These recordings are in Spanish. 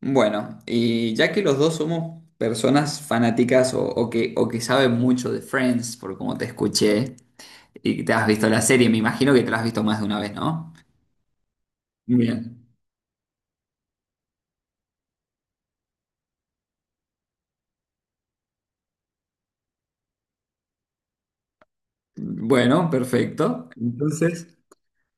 Bueno, y ya que los dos somos personas fanáticas o que saben mucho de Friends, por como te escuché, y que te has visto la serie, me imagino que te la has visto más de una vez, ¿no? Bien. Bueno, perfecto. Entonces,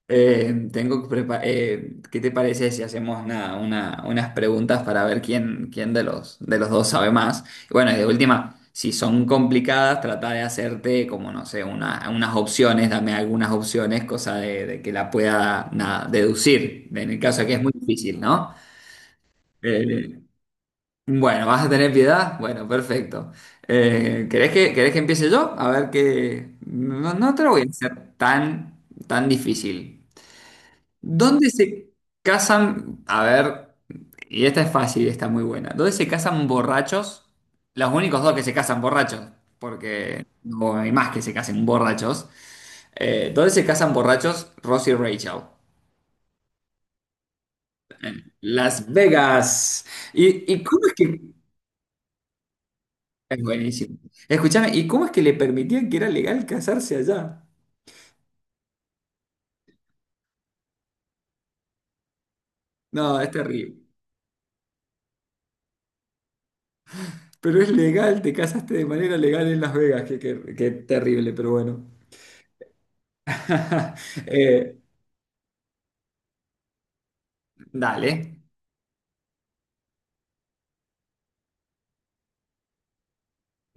¿Qué te parece si hacemos nada, unas preguntas para ver quién de los dos sabe más? Y bueno, y de última, si son complicadas, trata de hacerte como, no sé, unas opciones, dame algunas opciones, cosa de que la pueda nada deducir, en el caso de que es muy difícil, ¿no? Eh, bueno, ¿vas a tener piedad? Bueno, perfecto. Querés que empiece yo? A ver que... No, no te lo voy a hacer tan, tan difícil. ¿Dónde se casan? A ver, y esta es fácil, y está muy buena. ¿Dónde se casan borrachos? Los únicos dos que se casan borrachos, porque no hay más que se casen borrachos. ¿Dónde se casan borrachos Ross y Rachel? Las Vegas. Y cómo es que... Es buenísimo. Escúchame, ¿y cómo es que le permitían que era legal casarse allá? No, es terrible. Pero es legal, te casaste de manera legal en Las Vegas, que, que terrible, pero bueno. Eh, Dale.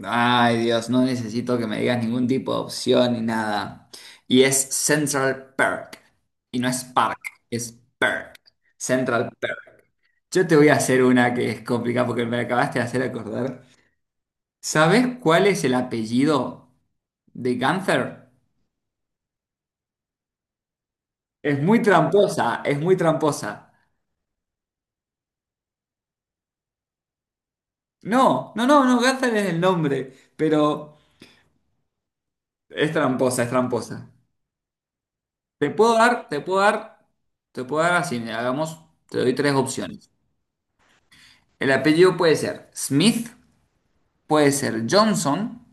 Ay, Dios, no necesito que me digas ningún tipo de opción ni nada. Y es Central Perk. Y no es Park, es Perk. Central Perk. Yo te voy a hacer una que es complicada porque me la acabaste de hacer acordar. ¿Sabes cuál es el apellido de Gunther? Es muy tramposa, es muy tramposa. No, Gunther es el nombre, pero es tramposa, es tramposa. Te puedo dar, te puedo dar, te puedo dar así, mira, hagamos, te doy tres opciones. El apellido puede ser Smith, puede ser Johnson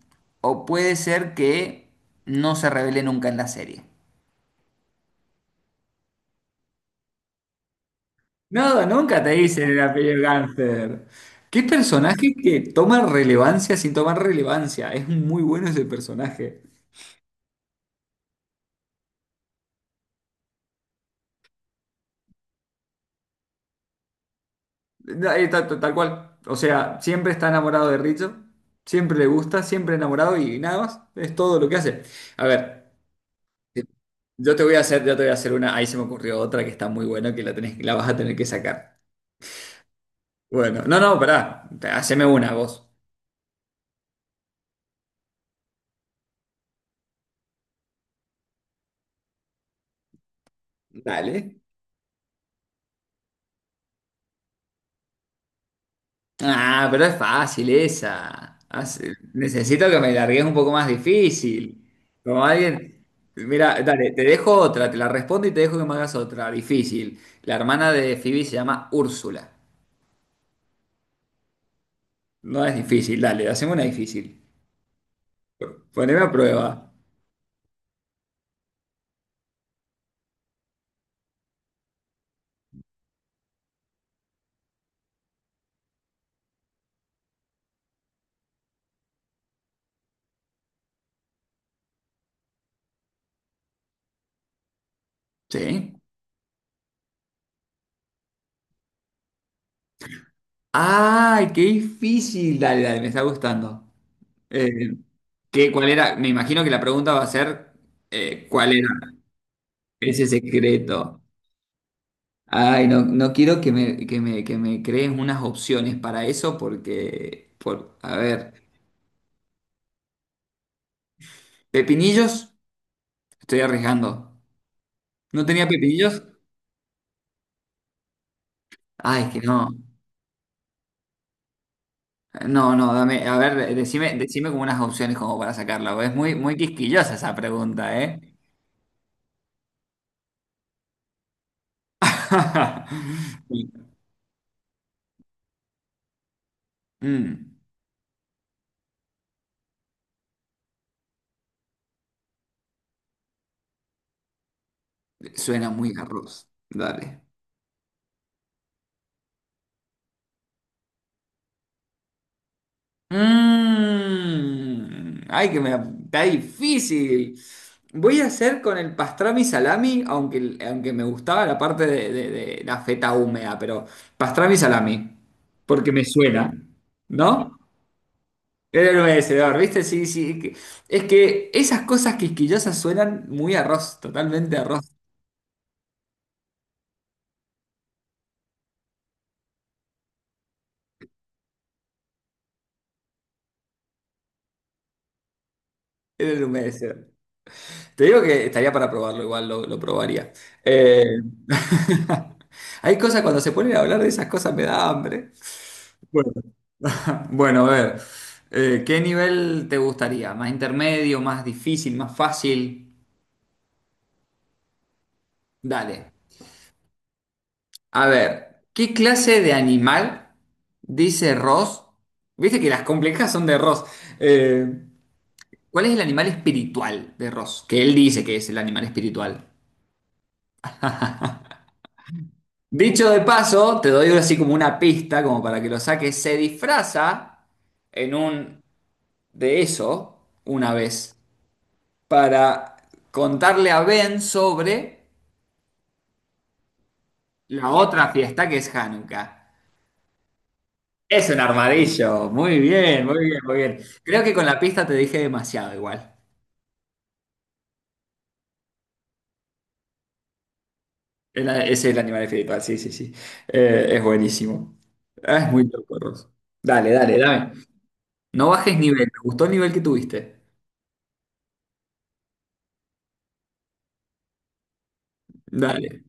o puede ser que no se revele nunca en la serie. No, nunca te dicen el apellido Gangster. Qué personaje que toma relevancia sin tomar relevancia. Es muy bueno ese personaje. No, Tal cual. O sea, siempre está enamorado de Richo. Siempre le gusta, siempre enamorado y nada más. Es todo lo que hace. A ver, yo te voy a hacer una. Ahí se me ocurrió otra que está muy buena que la tenés, la vas a tener que sacar. Bueno, no, no, pará. Haceme una vos. Dale. Ah, pero es fácil esa. Necesito que me largues un poco más difícil. Como alguien. Mira, dale, te dejo otra, te la respondo y te dejo que me hagas otra. Difícil. La hermana de Phoebe se llama Úrsula. No es difícil, dale, haceme una difícil. Poneme a prueba. ¿Sí? ¡Ay, qué difícil! Dale, dale, me está gustando. Eh, cuál era? Me imagino que la pregunta va a ser ¿cuál era? Ese secreto. Ay, no, no quiero que me crees unas opciones para eso porque, por, a ver, pepinillos, estoy arriesgando. ¿No tenía pepinillos? Ay, es que no. No, no, dame, a ver, decime como unas opciones como para sacarlo. Es muy, muy quisquillosa esa pregunta, ¿eh? Mm, suena muy arroz. Dale. Mm, ay, que me está difícil. Voy a hacer con el pastrami salami, aunque, aunque me gustaba la parte de, de la feta húmeda, pero pastrami salami, porque me suena, ¿no? Era el humedecedor, ¿viste? Sí, sí. Es que esas cosas quisquillosas suenan muy a arroz, totalmente a arroz. Era el humedecedor. Te digo que estaría para probarlo, igual lo probaría. Eh, Hay cosas, cuando se ponen a hablar de esas cosas me da hambre. Bueno, bueno, a ver, ¿qué nivel te gustaría? ¿Más intermedio, más difícil, más fácil? Dale. A ver, ¿qué clase de animal dice Ross? Viste que las complejas son de Ross. Eh, ¿Cuál es el animal espiritual de Ross? Que él dice que es el animal espiritual. Dicho de paso, te doy así como una pista, como para que lo saques. Se disfraza en un de eso una vez para contarle a Ben sobre la otra fiesta que es Hanukkah. Es un armadillo. Muy bien, muy bien, muy bien. Creo que con la pista te dije demasiado igual. Es el animal espiritual, sí, sí, sí. Es buenísimo. Ah, es muy loco, Ross. Dale, dale, dame. No bajes nivel. Me gustó el nivel que tuviste. Dale.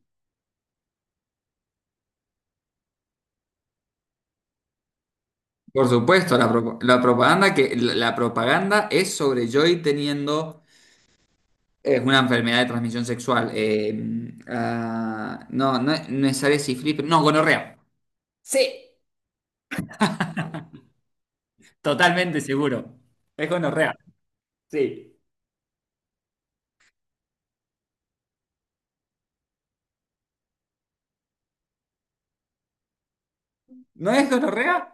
Por supuesto, la, la propaganda que la propaganda es sobre Joy teniendo una enfermedad de transmisión sexual. No, no es Ares y Flip, no, gonorrea. Sí. Totalmente seguro. Es gonorrea. Sí. ¿No es gonorrea?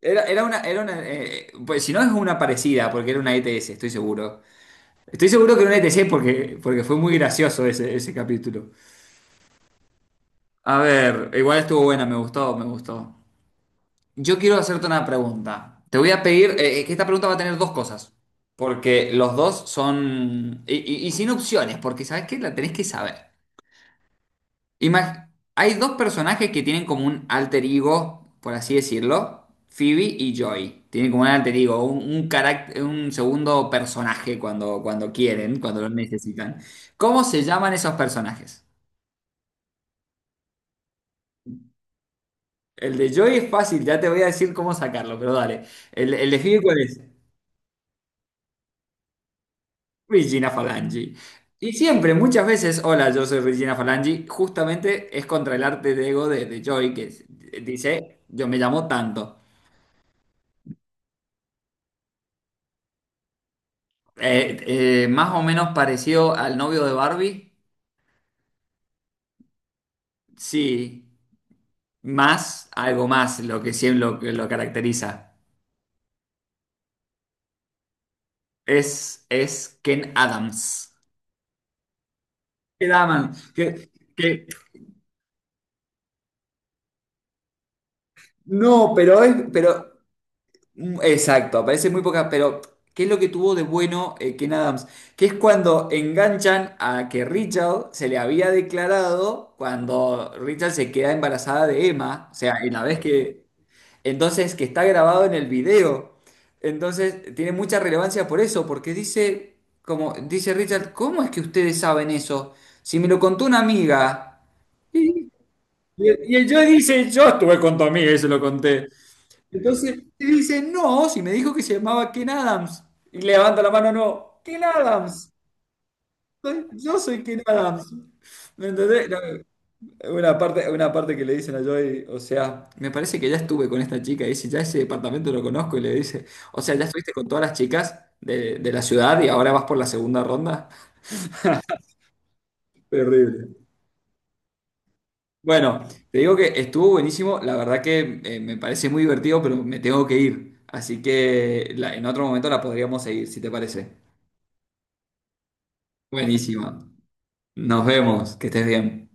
Era una, pues si no es una parecida, porque era una ETS, estoy seguro. Estoy seguro que era una ETS porque, porque fue muy gracioso ese, ese capítulo. A ver, igual estuvo buena, me gustó, me gustó. Yo quiero hacerte una pregunta. Te voy a pedir, que esta pregunta va a tener dos cosas. Porque los dos son... y sin opciones, porque sabes que la tenés que saber. Imag- Hay dos personajes que tienen como un alter ego, por así decirlo, Phoebe y Joy. Tienen como un alter ego, un un segundo personaje cuando, cuando quieren, cuando lo necesitan. ¿Cómo se llaman esos personajes? El de Joy es fácil, ya te voy a decir cómo sacarlo, pero dale. El de Phoebe cuál es? Regina Falangi. Y siempre, muchas veces, hola, yo soy Regina Falangi, justamente es contra el arte de ego de Joy, dice, yo me llamo tanto. Más o menos parecido al novio de Barbie. Sí, más, algo más, lo que siempre lo, que lo caracteriza. Es Ken Adams. Ken Adams, que- no, pero es, pero, mm, exacto, aparece muy poca, pero ¿qué es lo que tuvo de bueno Ken Adams? Que es cuando enganchan a que Richard se le había declarado cuando Richard se queda embarazada de Emma, o sea, en la vez que... Entonces, que está grabado en el video. Entonces, tiene mucha relevancia por eso, porque dice, como dice Richard, ¿cómo es que ustedes saben eso? Si me lo contó una amiga. Y, y yo dice, yo estuve con tu amiga y se lo conté. Entonces, y dice, no, si me dijo que se llamaba Ken Adams. Y levanta la mano, no, Ken Adams. Yo soy Ken Adams. ¿Me entendés? No. Una parte que le dicen a Joey, o sea, me parece que ya estuve con esta chica, y dice, ya ese departamento lo conozco, y le dice, o sea, ya estuviste con todas las chicas de la ciudad y ahora vas por la segunda ronda. Terrible. Bueno, te digo que estuvo buenísimo, la verdad que me parece muy divertido, pero me tengo que ir, así que en otro momento la podríamos seguir, si te parece. Buenísima. Nos vemos, que estés bien.